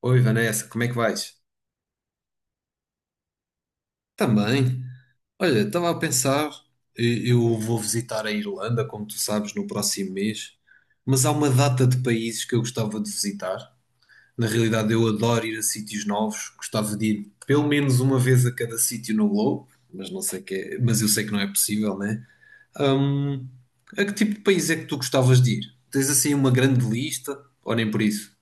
Oi Vanessa, como é que vais? Também. Olha, estava a pensar, eu vou visitar a Irlanda, como tu sabes, no próximo mês, mas há uma data de países que eu gostava de visitar. Na realidade, eu adoro ir a sítios novos, gostava de ir pelo menos uma vez a cada sítio no globo, mas não sei mas eu sei que não é possível, né? Hum, a que tipo de país é que tu gostavas de ir? Tens assim uma grande lista? Ou nem por isso?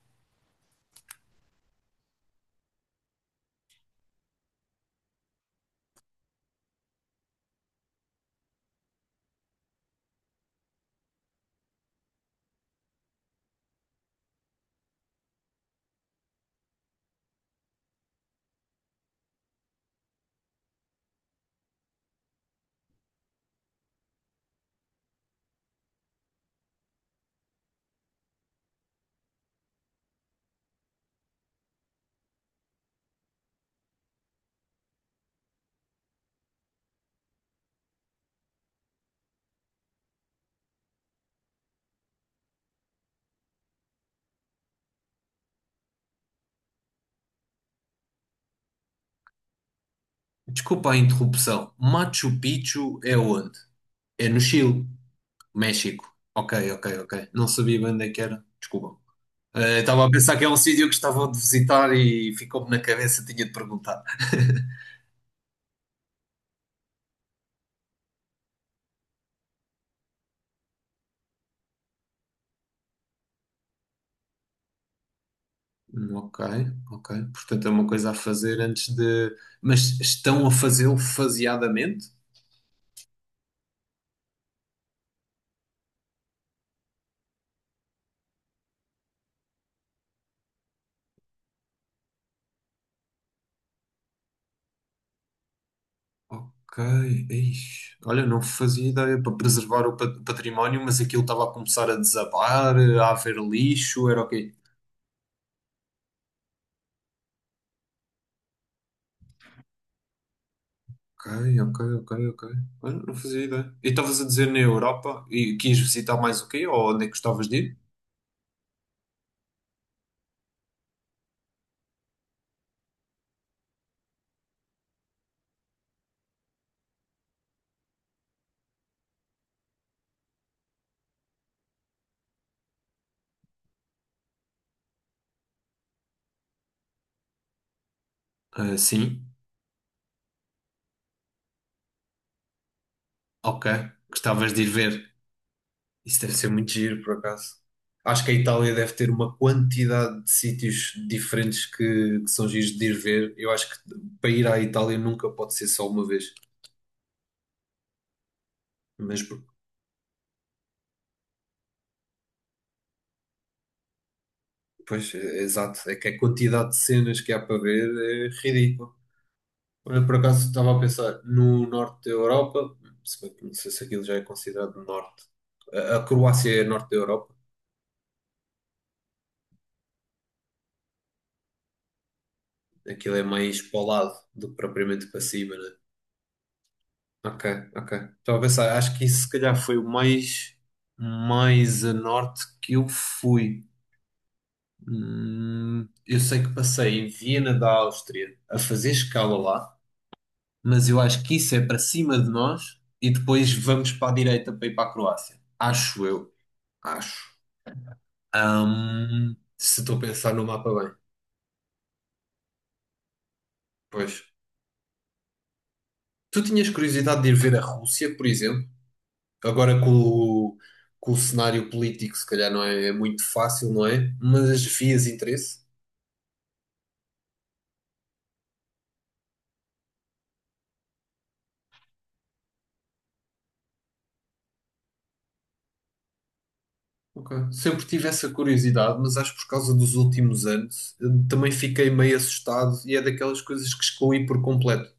Desculpa a interrupção. Machu Picchu é onde? É no Chile. México. Ok, ok, ok. Não sabia bem onde é que era. Desculpa. Estava a pensar que é um sítio que estava a visitar e ficou-me na cabeça, tinha de perguntar. Ok, ok. Portanto, é uma coisa a fazer antes de. Mas estão a fazê-lo faseadamente? Ok. Ixi. Olha, não fazia ideia para preservar o património, mas aquilo estava a começar a desabar, a haver lixo, era ok. Ok, ok, ok, ok. Olha, não fazia ideia. E estavas a dizer na Europa e quis visitar mais o quê? Ou onde é que gostavas de ir? Ah, sim, ok. Gostavas de ir ver. Isso deve ser muito giro, por acaso. Acho que a Itália deve ter uma quantidade de sítios diferentes que são giros de ir ver. Eu acho que para ir à Itália nunca pode ser só uma vez. Mas, pois, é exato. É que a quantidade de cenas que há para ver é ridícula. Olha, por acaso estava a pensar no norte da Europa, se bem que não sei se aquilo já é considerado norte. A Croácia é norte da Europa. Aquilo é mais para o lado do que propriamente para cima, né? Ok, ok. Estava a pensar, acho que isso se calhar foi o mais, mais a norte que eu fui. Eu sei que passei em Viena da Áustria a fazer escala lá, mas eu acho que isso é para cima de nós e depois vamos para a direita para ir para a Croácia. Acho eu, acho. Se estou a pensar no mapa bem. Pois. Tu tinhas curiosidade de ir ver a Rússia, por exemplo? Agora com o cenário político, se calhar não é, é muito fácil, não é? Mas vias interesse. Ok. Sempre tive essa curiosidade, mas acho que por causa dos últimos anos também fiquei meio assustado e é daquelas coisas que excluí por completo.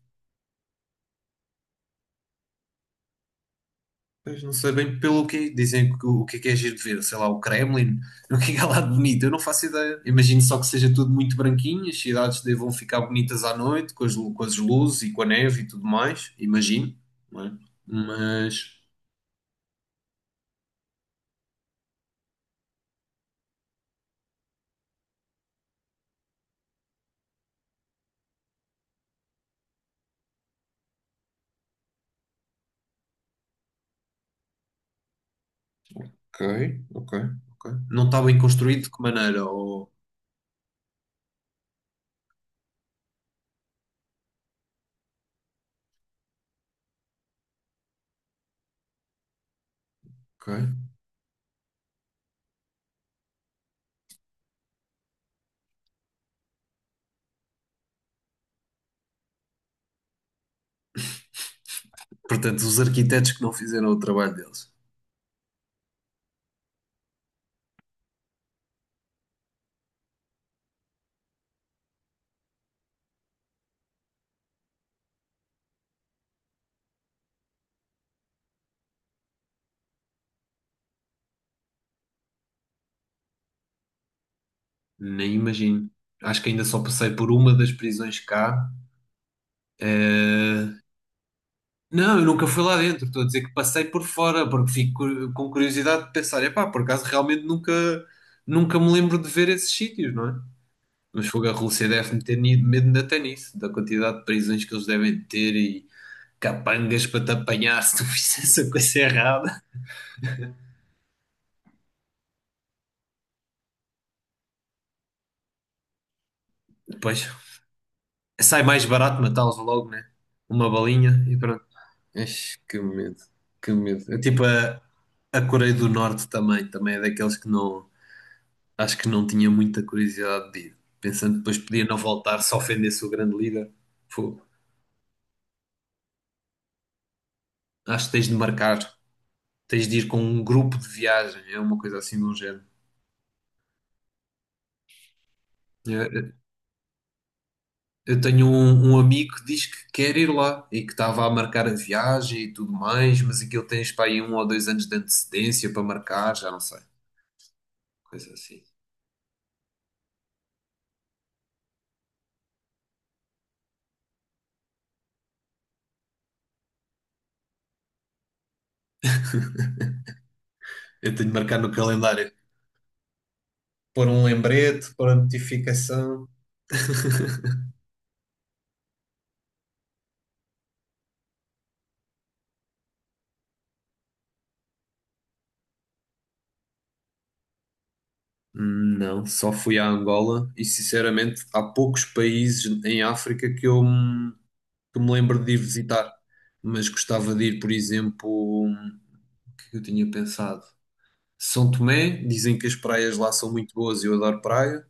Pois não sei bem pelo quê. Dizem que o que é giro de ver, sei lá, o Kremlin, o que é que há lá de bonito, eu não faço ideia. Imagino só que seja tudo muito branquinho, as cidades devam ficar bonitas à noite, com as, com as luzes e com a neve e tudo mais, imagino, não é? Mas. Ok, ok, ok. Não está bem construído de que maneira? Ou... Ok. Portanto, os arquitetos que não fizeram o trabalho deles. Nem imagino. Acho que ainda só passei por uma das prisões cá. Eh, Não, eu nunca fui lá dentro. Estou a dizer que passei por fora, porque fico com curiosidade de pensar, epá, por acaso realmente nunca, nunca me lembro de ver esses sítios, não é? Mas fogo, a Rússia deve-me ter medo até nisso, da quantidade de prisões que eles devem ter e capangas para te apanhar se tu fizesse a coisa errada. Pois, sai mais barato matá-los logo, né? Uma balinha e pronto. Ixi, que medo, que medo. É tipo a Coreia do Norte também, também é daqueles que não, acho que não tinha muita curiosidade de ir. Pensando que depois podia não voltar se ofendesse o grande líder. Fogo. Acho que tens de marcar, tens de ir com um grupo de viagem, é uma coisa assim de um género. Eu, eu tenho um, amigo que diz que quer ir lá e que estava a marcar a viagem e tudo mais, mas aquilo tens para aí 1 ou 2 anos de antecedência para marcar, já não sei. Coisa assim. Eu tenho de marcar no calendário. Pôr um lembrete, pôr a notificação. Não, só fui à Angola e sinceramente há poucos países em África que me lembro de ir visitar, mas gostava de ir, por exemplo, o que é que eu tinha pensado? São Tomé, dizem que as praias lá são muito boas e eu adoro praia.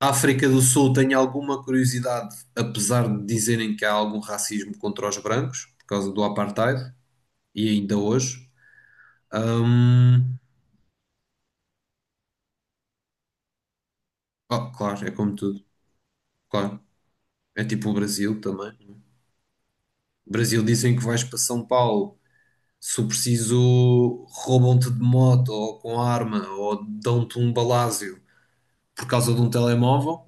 África do Sul tenho alguma curiosidade, apesar de dizerem que há algum racismo contra os brancos por causa do apartheid e ainda hoje. Hum, oh, claro, é como tudo, claro. É tipo o Brasil também. O Brasil dizem que vais para São Paulo, se o preciso, roubam-te de moto ou com arma ou dão-te um balázio por causa de um telemóvel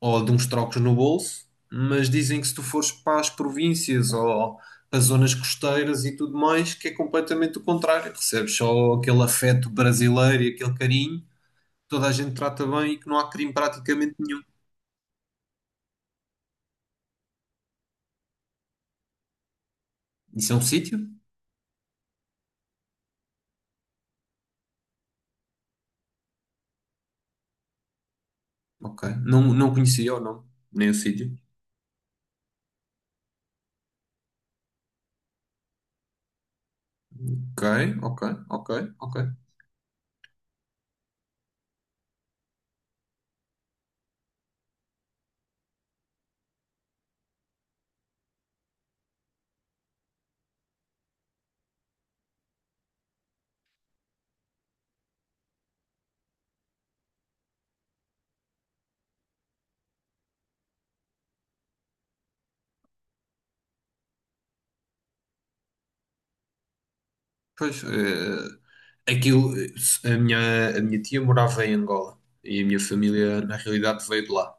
ou de uns trocos no bolso, mas dizem que se tu fores para as províncias ou para zonas costeiras e tudo mais, que é completamente o contrário. Recebes só aquele afeto brasileiro e aquele carinho, que toda a gente trata bem e que não há crime praticamente nenhum. Isso é um sítio? Ok. Não, não conhecia o nome, nem o sítio. Ok, ok, ok, ok. Pois, aquilo, a minha tia morava em Angola e a minha família, na realidade, veio de lá.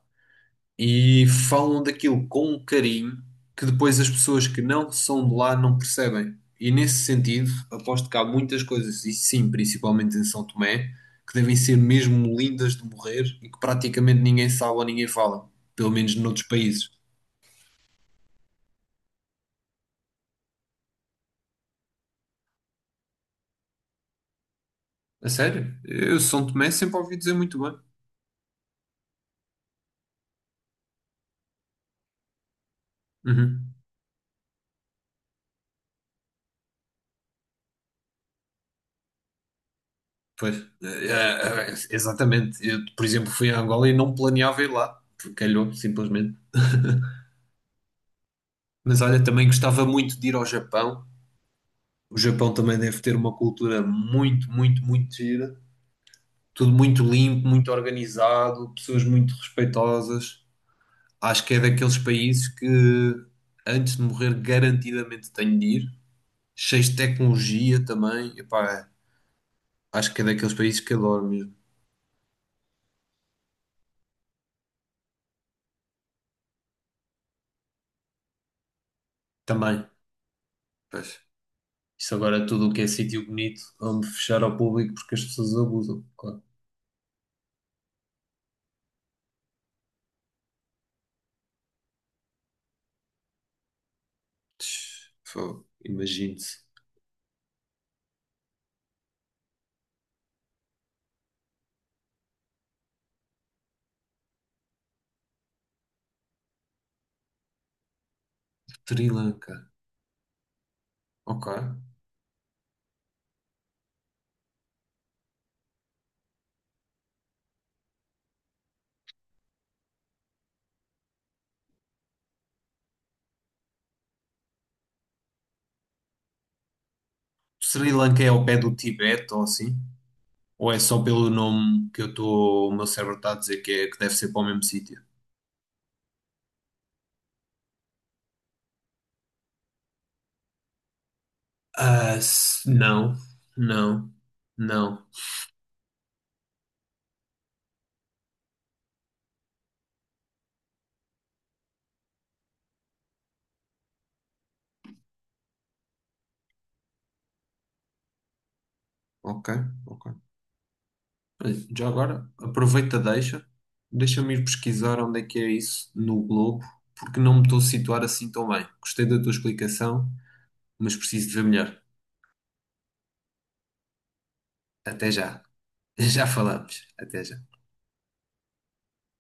E falam daquilo com um carinho que depois as pessoas que não são de lá não percebem. E nesse sentido, aposto que há muitas coisas, e sim, principalmente em São Tomé, que devem ser mesmo lindas de morrer e que praticamente ninguém sabe ou ninguém fala, pelo menos noutros países. A sério? Eu São Tomé sempre ouvi dizer muito bem. Uhum. Pois, exatamente. Eu, por exemplo, fui a Angola e não planeava ir lá, porque calhou, simplesmente. Mas olha, também gostava muito de ir ao Japão. O Japão também deve ter uma cultura muito, muito, muito gira. Tudo muito limpo, muito organizado, pessoas muito respeitosas. Acho que é daqueles países que, antes de morrer, garantidamente tenho de ir. Cheios de tecnologia também. Epá, acho que é daqueles países que adoro mesmo. Também. Pois. Isto agora é tudo o que é sítio bonito, vamos fechar ao público porque as pessoas abusam. Claro. Tch, fogo. Imagine-se. Sri Lanka. Ok. Sri Lanka é ao pé do Tibete ou assim? Ou é só pelo nome que eu estou, o meu cérebro está a dizer que, é, que deve ser para o mesmo sítio? Ah, não, não, não. Ok, ok. Olha, já agora, aproveita, deixa. Deixa-me ir pesquisar onde é que é isso no globo, porque não me estou a situar assim tão bem. Gostei da tua explicação. Mas preciso de ver melhor. Até já. Já falamos. Até já.